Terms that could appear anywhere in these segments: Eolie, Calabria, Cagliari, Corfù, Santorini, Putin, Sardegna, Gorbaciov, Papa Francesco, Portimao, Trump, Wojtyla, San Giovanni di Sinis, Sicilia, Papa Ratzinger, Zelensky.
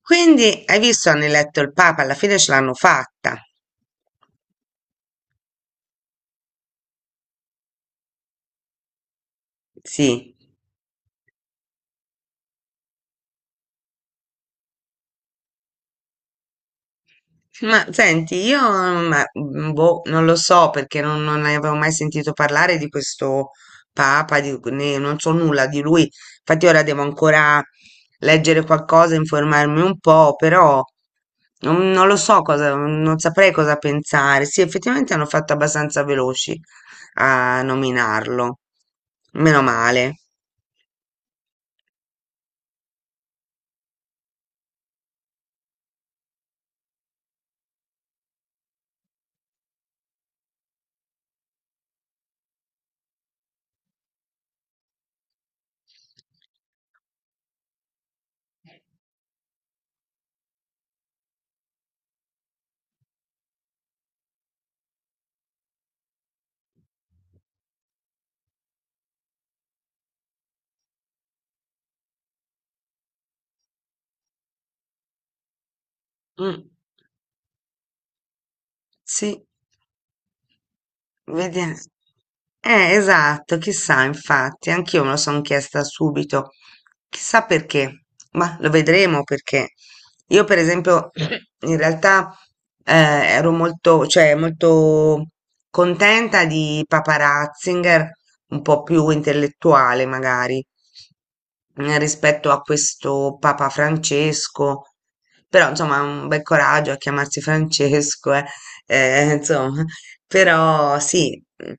Quindi hai visto, hanno eletto il Papa, alla fine ce l'hanno fatta. Sì, ma senti, boh, non lo so perché non ne avevo mai sentito parlare di questo Papa, non so nulla di lui. Infatti ora devo ancora leggere qualcosa, informarmi un po', però non lo so cosa, non saprei cosa pensare. Sì, effettivamente hanno fatto abbastanza veloci a nominarlo. Meno male. Mm, sì. Vediamo. Esatto, chissà, infatti, anch'io me lo sono chiesta subito, chissà perché, ma lo vedremo perché io, per esempio, in realtà ero molto, cioè, molto contenta di Papa Ratzinger, un po' più intellettuale magari, rispetto a questo Papa Francesco, però insomma, un bel coraggio a chiamarsi Francesco, eh, insomma, però sì, mm,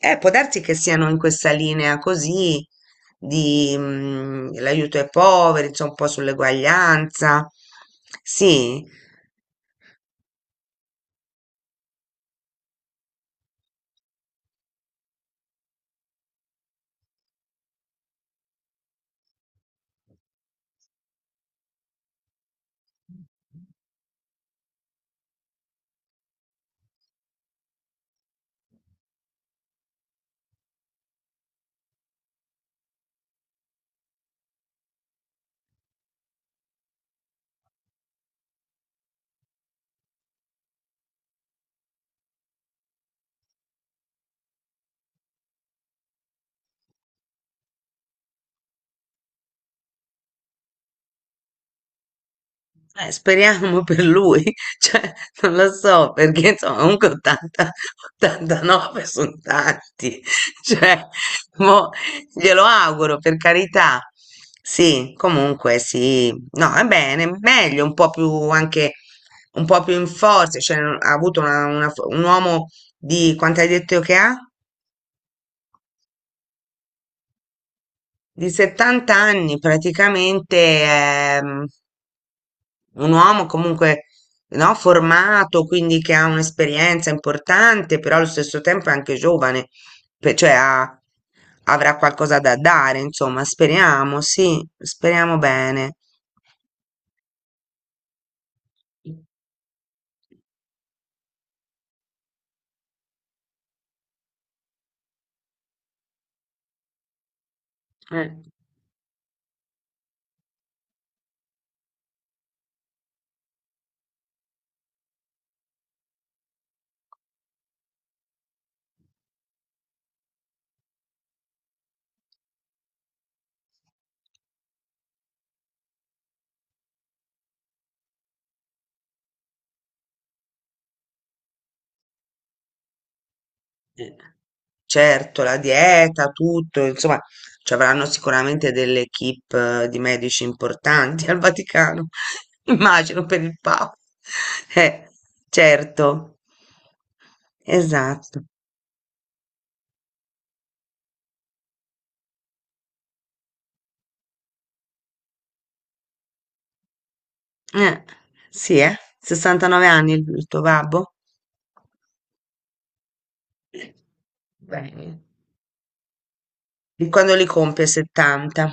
eh, può darsi che siano in questa linea così di l'aiuto ai poveri, insomma, un po' sull'eguaglianza. Sì, eh, speriamo per lui, cioè, non lo so, perché insomma, comunque 80, 89 sono tanti, cioè, mo, glielo auguro, per carità. Sì, comunque sì, no, è bene, meglio, un po' più anche, un po' più in forza, cioè, ha avuto un uomo di, quanto hai detto che ha? Di 70 anni, praticamente, ehm, un uomo comunque no, formato, quindi che ha un'esperienza importante, però allo stesso tempo è anche giovane, pe- cioè ha- avrà qualcosa da dare, insomma, speriamo, sì, speriamo bene. Eh, eh. Certo, la dieta, tutto, insomma, ci avranno sicuramente delle equip di medici importanti al Vaticano, immagino per il Papa. Eh, certo, esatto. Eh, sì, 69 anni il tuo babbo? Bene. Di quando li compie 70?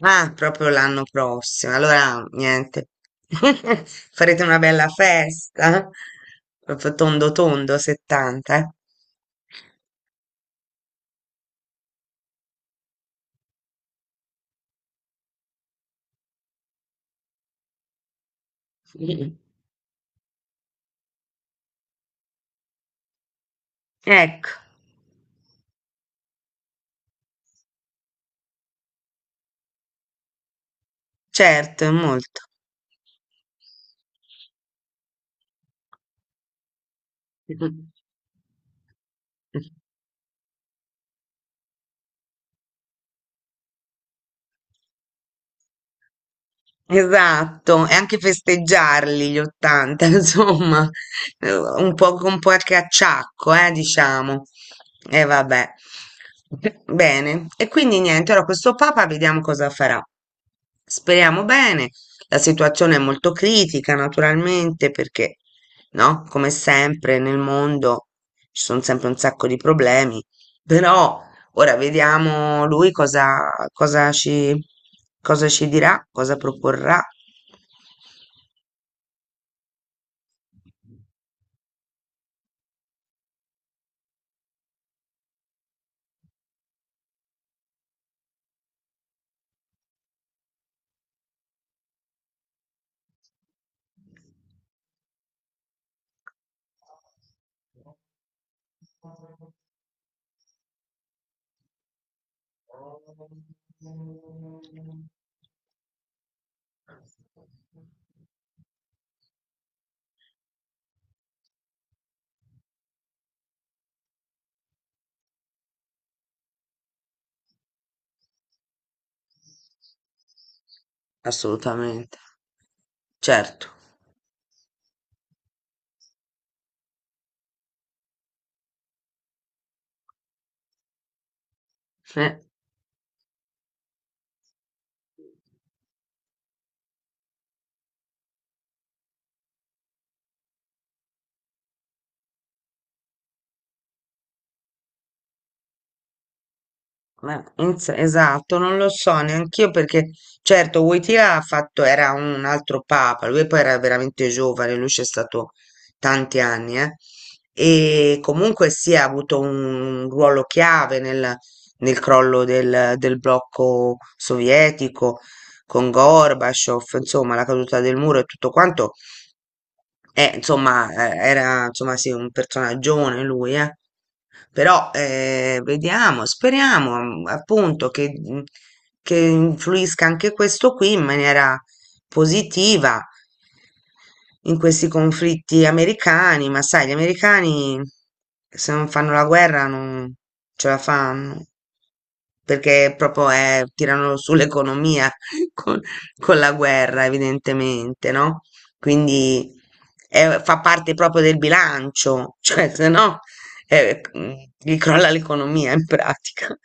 Ah, proprio l'anno prossimo. Allora, niente. Farete una bella festa. Proprio tondo tondo 70, eh. Ecco, certo, è molto. Esatto, e anche festeggiarli gli 80, insomma, un po' con qualche acciacco, diciamo. E vabbè. Bene, e quindi niente, ora questo Papa vediamo cosa farà. Speriamo bene, la situazione è molto critica, naturalmente, perché, no, come sempre nel mondo ci sono sempre un sacco di problemi, però ora vediamo lui cosa ci dirà, cosa proporrà. Assolutamente, certo. Eh. Ma esatto, non lo so neanch'io perché certo Wojtyla ha fatto, era un altro papa, lui poi era veramente giovane, lui c'è stato tanti anni, eh. E comunque sì, ha avuto un ruolo chiave nel, nel crollo del, del blocco sovietico con Gorbaciov, insomma, la caduta del muro e tutto quanto era, insomma, sì, un personaggione lui, eh. Però vediamo, speriamo appunto che, che influisca anche questo qui in maniera positiva in questi conflitti americani, ma sai, gli americani se non fanno la guerra non ce la fanno, perché proprio tirano sull'economia con, con la guerra, evidentemente, no? Quindi fa parte proprio del bilancio, cioè se no eh, mm, gli crolla l'economia in pratica.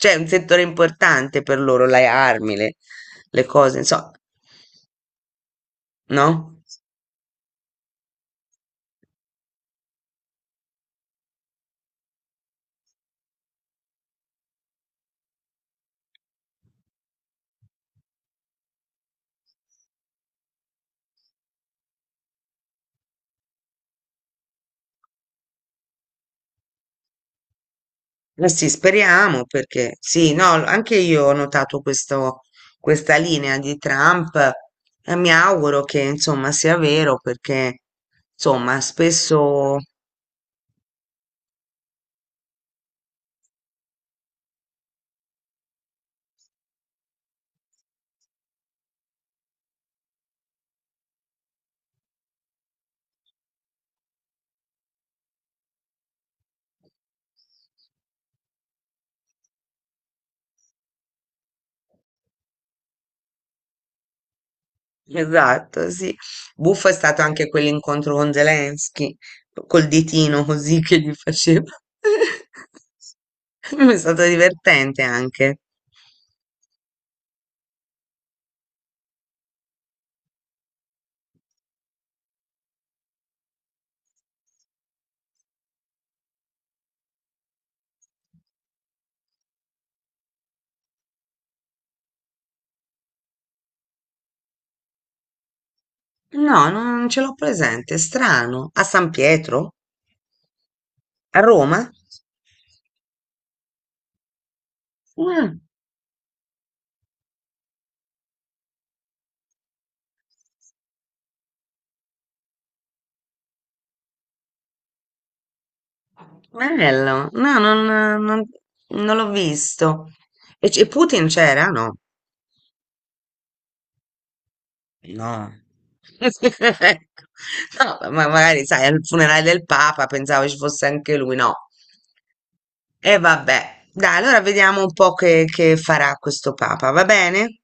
Cioè è un settore importante per loro, le armi, le cose, insomma, no? Eh sì, speriamo perché sì, no, anche io ho notato questa linea di Trump e mi auguro che insomma sia vero perché insomma spesso esatto, sì. Buffo è stato anche quell'incontro con Zelensky, col ditino così che gli faceva. È stato divertente anche. No, non ce l'ho presente, è strano. A San Pietro? A Roma? Mm, bello. No, non, non- non l'ho visto. E Putin c'era? No. No. No, ma magari sai, al funerale del Papa pensavo ci fosse anche lui, no. E vabbè, dai, allora vediamo un po' che farà questo Papa, va bene?